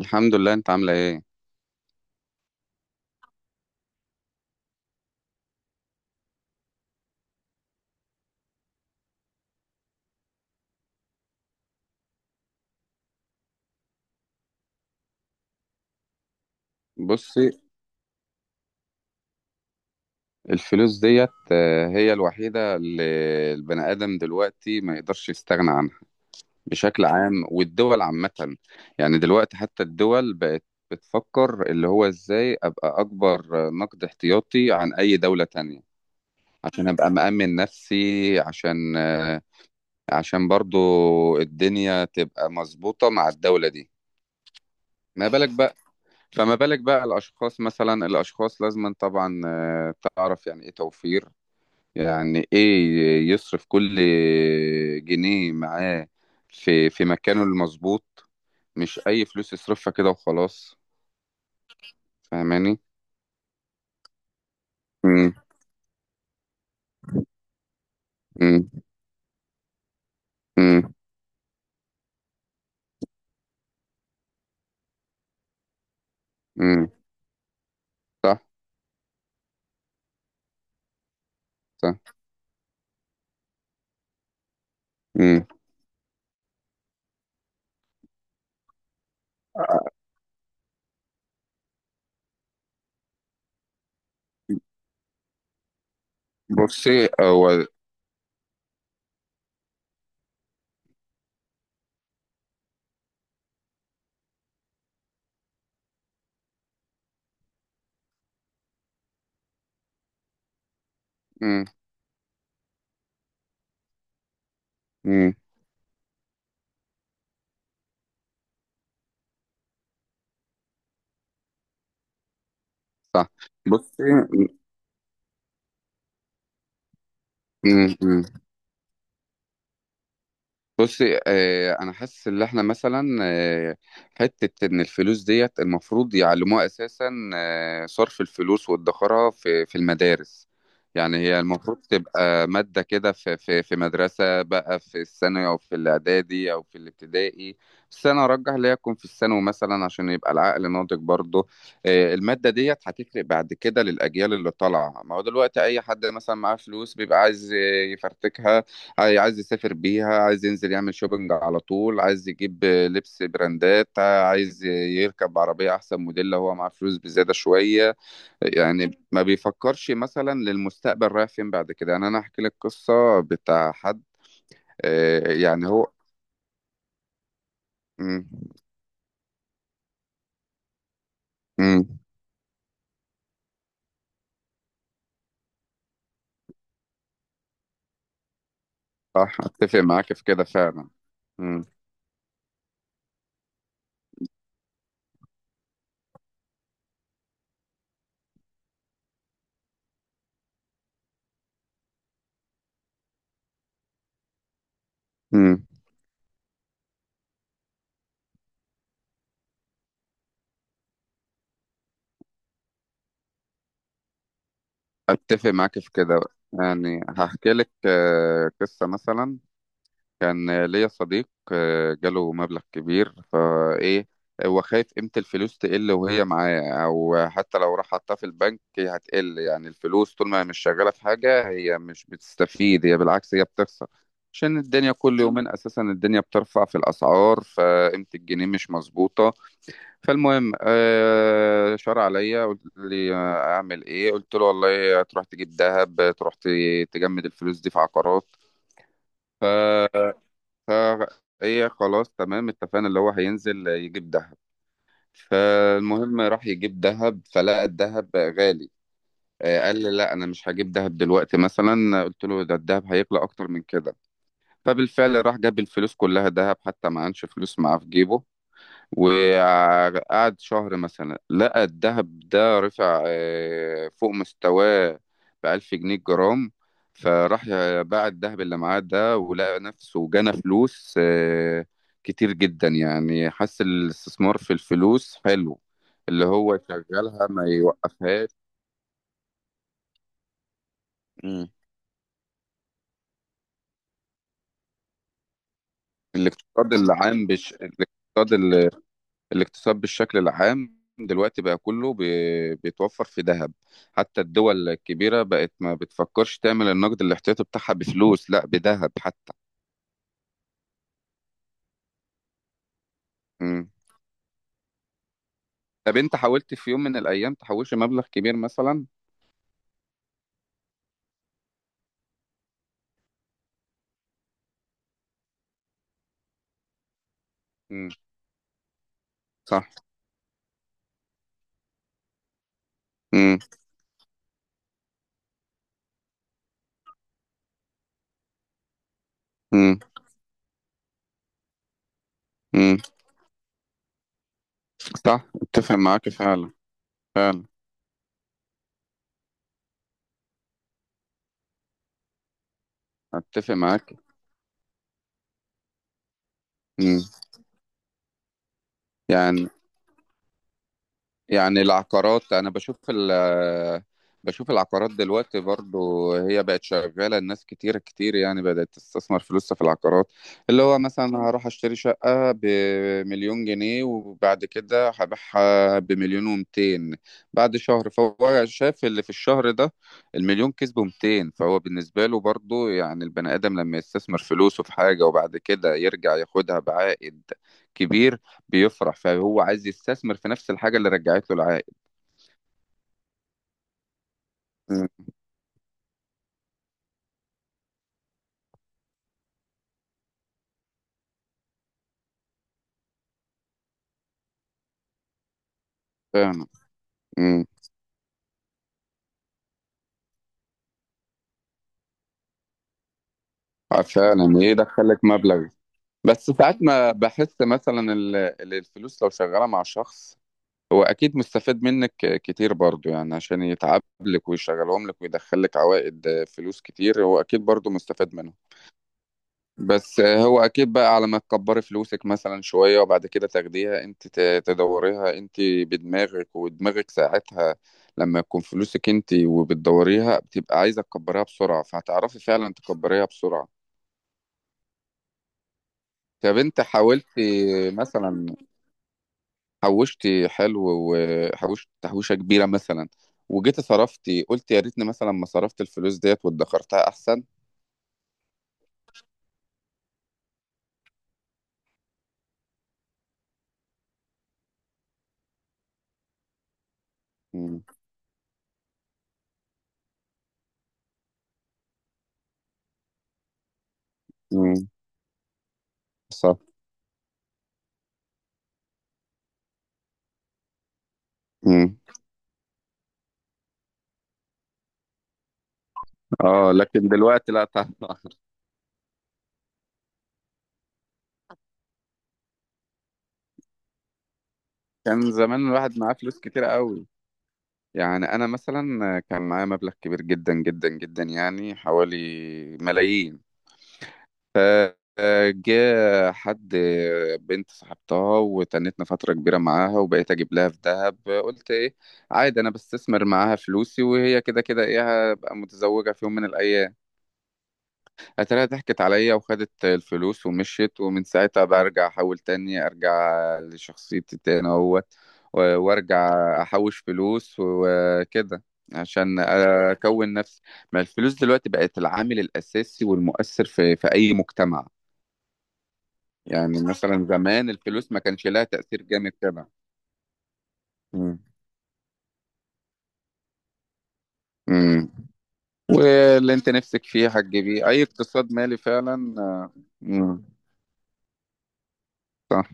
الحمد لله، انت عامله ايه؟ بصي. الفلوس ديت هي الوحيده اللي البني ادم دلوقتي ما يقدرش يستغنى عنها بشكل عام، والدول عامه. يعني دلوقتي حتى الدول بقت بتفكر اللي هو ازاي ابقى اكبر نقد احتياطي عن اي دوله تانية، عشان ابقى مأمن نفسي، عشان برضو الدنيا تبقى مظبوطه مع الدوله دي. ما بالك بقى فما بالك بقى الأشخاص، مثلا الأشخاص لازما طبعا تعرف يعني إيه توفير، يعني إيه يصرف كل جنيه معاه في مكانه المظبوط، مش أي فلوس يصرفها كده وخلاص. فاهماني؟ مم. مم. مم. مم. صح. صح. مم. بصي هو. مم. مم. صح. بصي. مم. مم. بصي، انا حاسس ان احنا مثلا حته ان الفلوس ديت المفروض يعلموها اساسا، صرف الفلوس وادخارها في المدارس. يعني هي المفروض تبقى ماده كده في مدرسه، بقى في الثانوي او في الاعدادي او في الابتدائي، بس انا ارجح ليها تكون في الثانوي مثلا عشان يبقى العقل ناضج برضه. الماده ديت هتفرق بعد كده للاجيال اللي طالعه، ما هو دلوقتي اي حد مثلا معاه فلوس بيبقى عايز يفرتكها، عايز يسافر بيها، عايز ينزل يعمل شوبينج على طول، عايز يجيب لبس براندات، عايز يركب عربية أحسن موديل لو هو معاه فلوس بزيادة شوية. يعني ما بيفكرش مثلا للمستقبل رايح فين بعد كده. يعني أنا أحكي لك قصة بتاع حد يعني هو. مم. مم. صح، أتفق معاك في كده فعلا. مم. مم. أتفق معاك في كده. يعني هحكي لك قصة مثلا. كان ليا صديق جاله مبلغ كبير فايه، هو خايف قيمة الفلوس تقل وهي معاه، او حتى لو راح حطها في البنك هي هتقل. يعني الفلوس طول ما هي مش شغالة في حاجة هي مش بتستفيد، هي بالعكس هي بتخسر، عشان الدنيا كل يومين اساسا الدنيا بترفع في الاسعار، فقيمة الجنيه مش مظبوطة. فالمهم شار عليا، قلت لي اعمل ايه؟ قلت له والله تروح تجيب ذهب، تروح تجمد الفلوس دي في عقارات. فهي خلاص تمام، اتفقنا اللي هو هينزل يجيب دهب. فالمهم راح يجيب دهب فلقى الدهب غالي. قال لي لا انا مش هجيب دهب دلوقتي. مثلا قلت له ده الدهب هيغلى اكتر من كده. فبالفعل راح جاب الفلوس كلها دهب، حتى ما كانش فلوس معاه في جيبه. وقعد شهر مثلا، لقى الذهب ده رفع فوق مستواه بألف جنيه الجرام. فراح باع الذهب اللي معاه ده، ولقى نفسه جنى فلوس كتير جدا. يعني حس الاستثمار في الفلوس حلو، اللي هو يشغلها ما يوقفهاش. مم. الاقتصاد العام بش... الاقتصاد الاقتصاد بالشكل العام دلوقتي بقى كله بيتوفر في ذهب. حتى الدول الكبيرة بقت ما بتفكرش تعمل النقد الاحتياطي بتاعها بفلوس، لا بذهب حتى. مم. طب انت حاولت في يوم من الأيام تحوش مبلغ كبير مثلا؟ مم. صح. مم. مم. مم. صح، اتفق معاك فعلا. فعلا اتفق معاك. مم. يعني يعني العقارات، انا بشوف بشوف العقارات دلوقتي برضو هي بقت شغالة، الناس كتير كتير يعني بدأت تستثمر فلوسها في العقارات، اللي هو مثلا هروح اشتري شقة بمليون جنيه وبعد كده هبيعها بمليون ومتين بعد شهر. فهو شاف اللي في الشهر ده المليون كسبه 200، فهو بالنسبة له برضو. يعني البني آدم لما يستثمر فلوسه في حاجة وبعد كده يرجع ياخدها بعائد كبير بيفرح، فهو عايز يستثمر في نفس الحاجة اللي رجعت له العائد. امم. فعلا. امم. آه، فعلا. ايه، دخلك مبلغ؟ بس ساعات ما بحس مثلا الفلوس لو شغالة مع شخص، هو أكيد مستفاد منك كتير برضو، يعني عشان يتعب لك ويشغلهم لك ويدخلك عوائد فلوس كتير، هو أكيد برضو مستفاد منهم. بس هو اكيد، بقى على ما تكبري فلوسك مثلا شوية وبعد كده تاخديها انت تدوريها انت بدماغك، ودماغك ساعتها لما يكون فلوسك انت وبتدوريها، بتبقى عايزة تكبريها بسرعة، فهتعرفي فعلا تكبريها بسرعة. طب انت حاولتي مثلا، حوشتي حلو وحوشت تحويشة كبيرة مثلا، وجيتي صرفتي قلت يا ريتني مثلا ما صرفت الفلوس ديت وادخرتها احسن؟ مم. مم. صح. مم. اه، لكن دلوقتي لا طبعا. كان زمان الواحد معاه فلوس كتير قوي. يعني انا مثلا كان معايا مبلغ كبير جدا جدا جدا، يعني حوالي ملايين. فجاء حد، بنت صاحبتها وتنتنا فترة كبيرة معاها، وبقيت اجيب لها في دهب. قلت ايه عادي انا بستثمر معاها فلوسي، وهي كده كده ايه هبقى متزوجة في يوم من الايام. اتاريها ضحكت عليا وخدت الفلوس ومشيت، ومن ساعتها برجع احاول تاني، ارجع لشخصيتي تاني اهوت، وارجع احوش فلوس وكده عشان اكون نفسي. ما الفلوس دلوقتي بقت العامل الاساسي والمؤثر في اي مجتمع. يعني مثلا زمان الفلوس ما كانش لها تأثير جامد كده. مم. مم. واللي انت نفسك فيه هتجيبيه، اي اقتصاد مالي فعلا. مم. صح.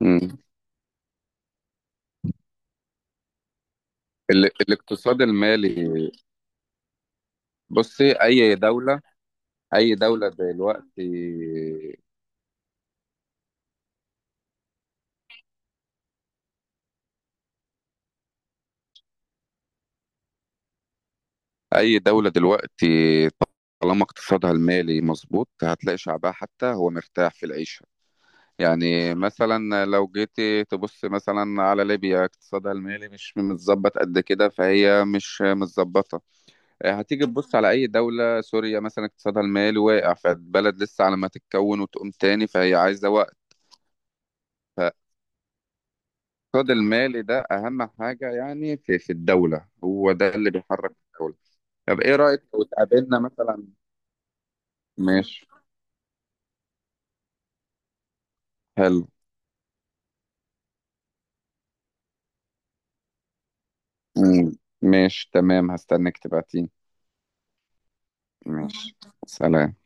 مم. الاقتصاد المالي. بصي اي دولة دلوقتي اي دولة دلوقتي طالما اقتصادها المالي مظبوط، هتلاقي شعبها حتى هو مرتاح في العيشة. يعني مثلا لو جيتي تبص مثلا على ليبيا، اقتصادها المالي مش متظبط قد كده، فهي مش متظبطة. هتيجي تبص على أي دولة، سوريا مثلا، اقتصادها المالي واقع، فالبلد لسه على ما تتكون وتقوم تاني، فهي عايزة وقت. الاقتصاد المالي ده أهم حاجة يعني في الدولة، هو ده اللي بيحرك الدولة. طب إيه رأيك لو اتقابلنا مثلا؟ ماشي. حلو. مم. ماشي تمام، هستناك تبعتيني. ماشي. سلام.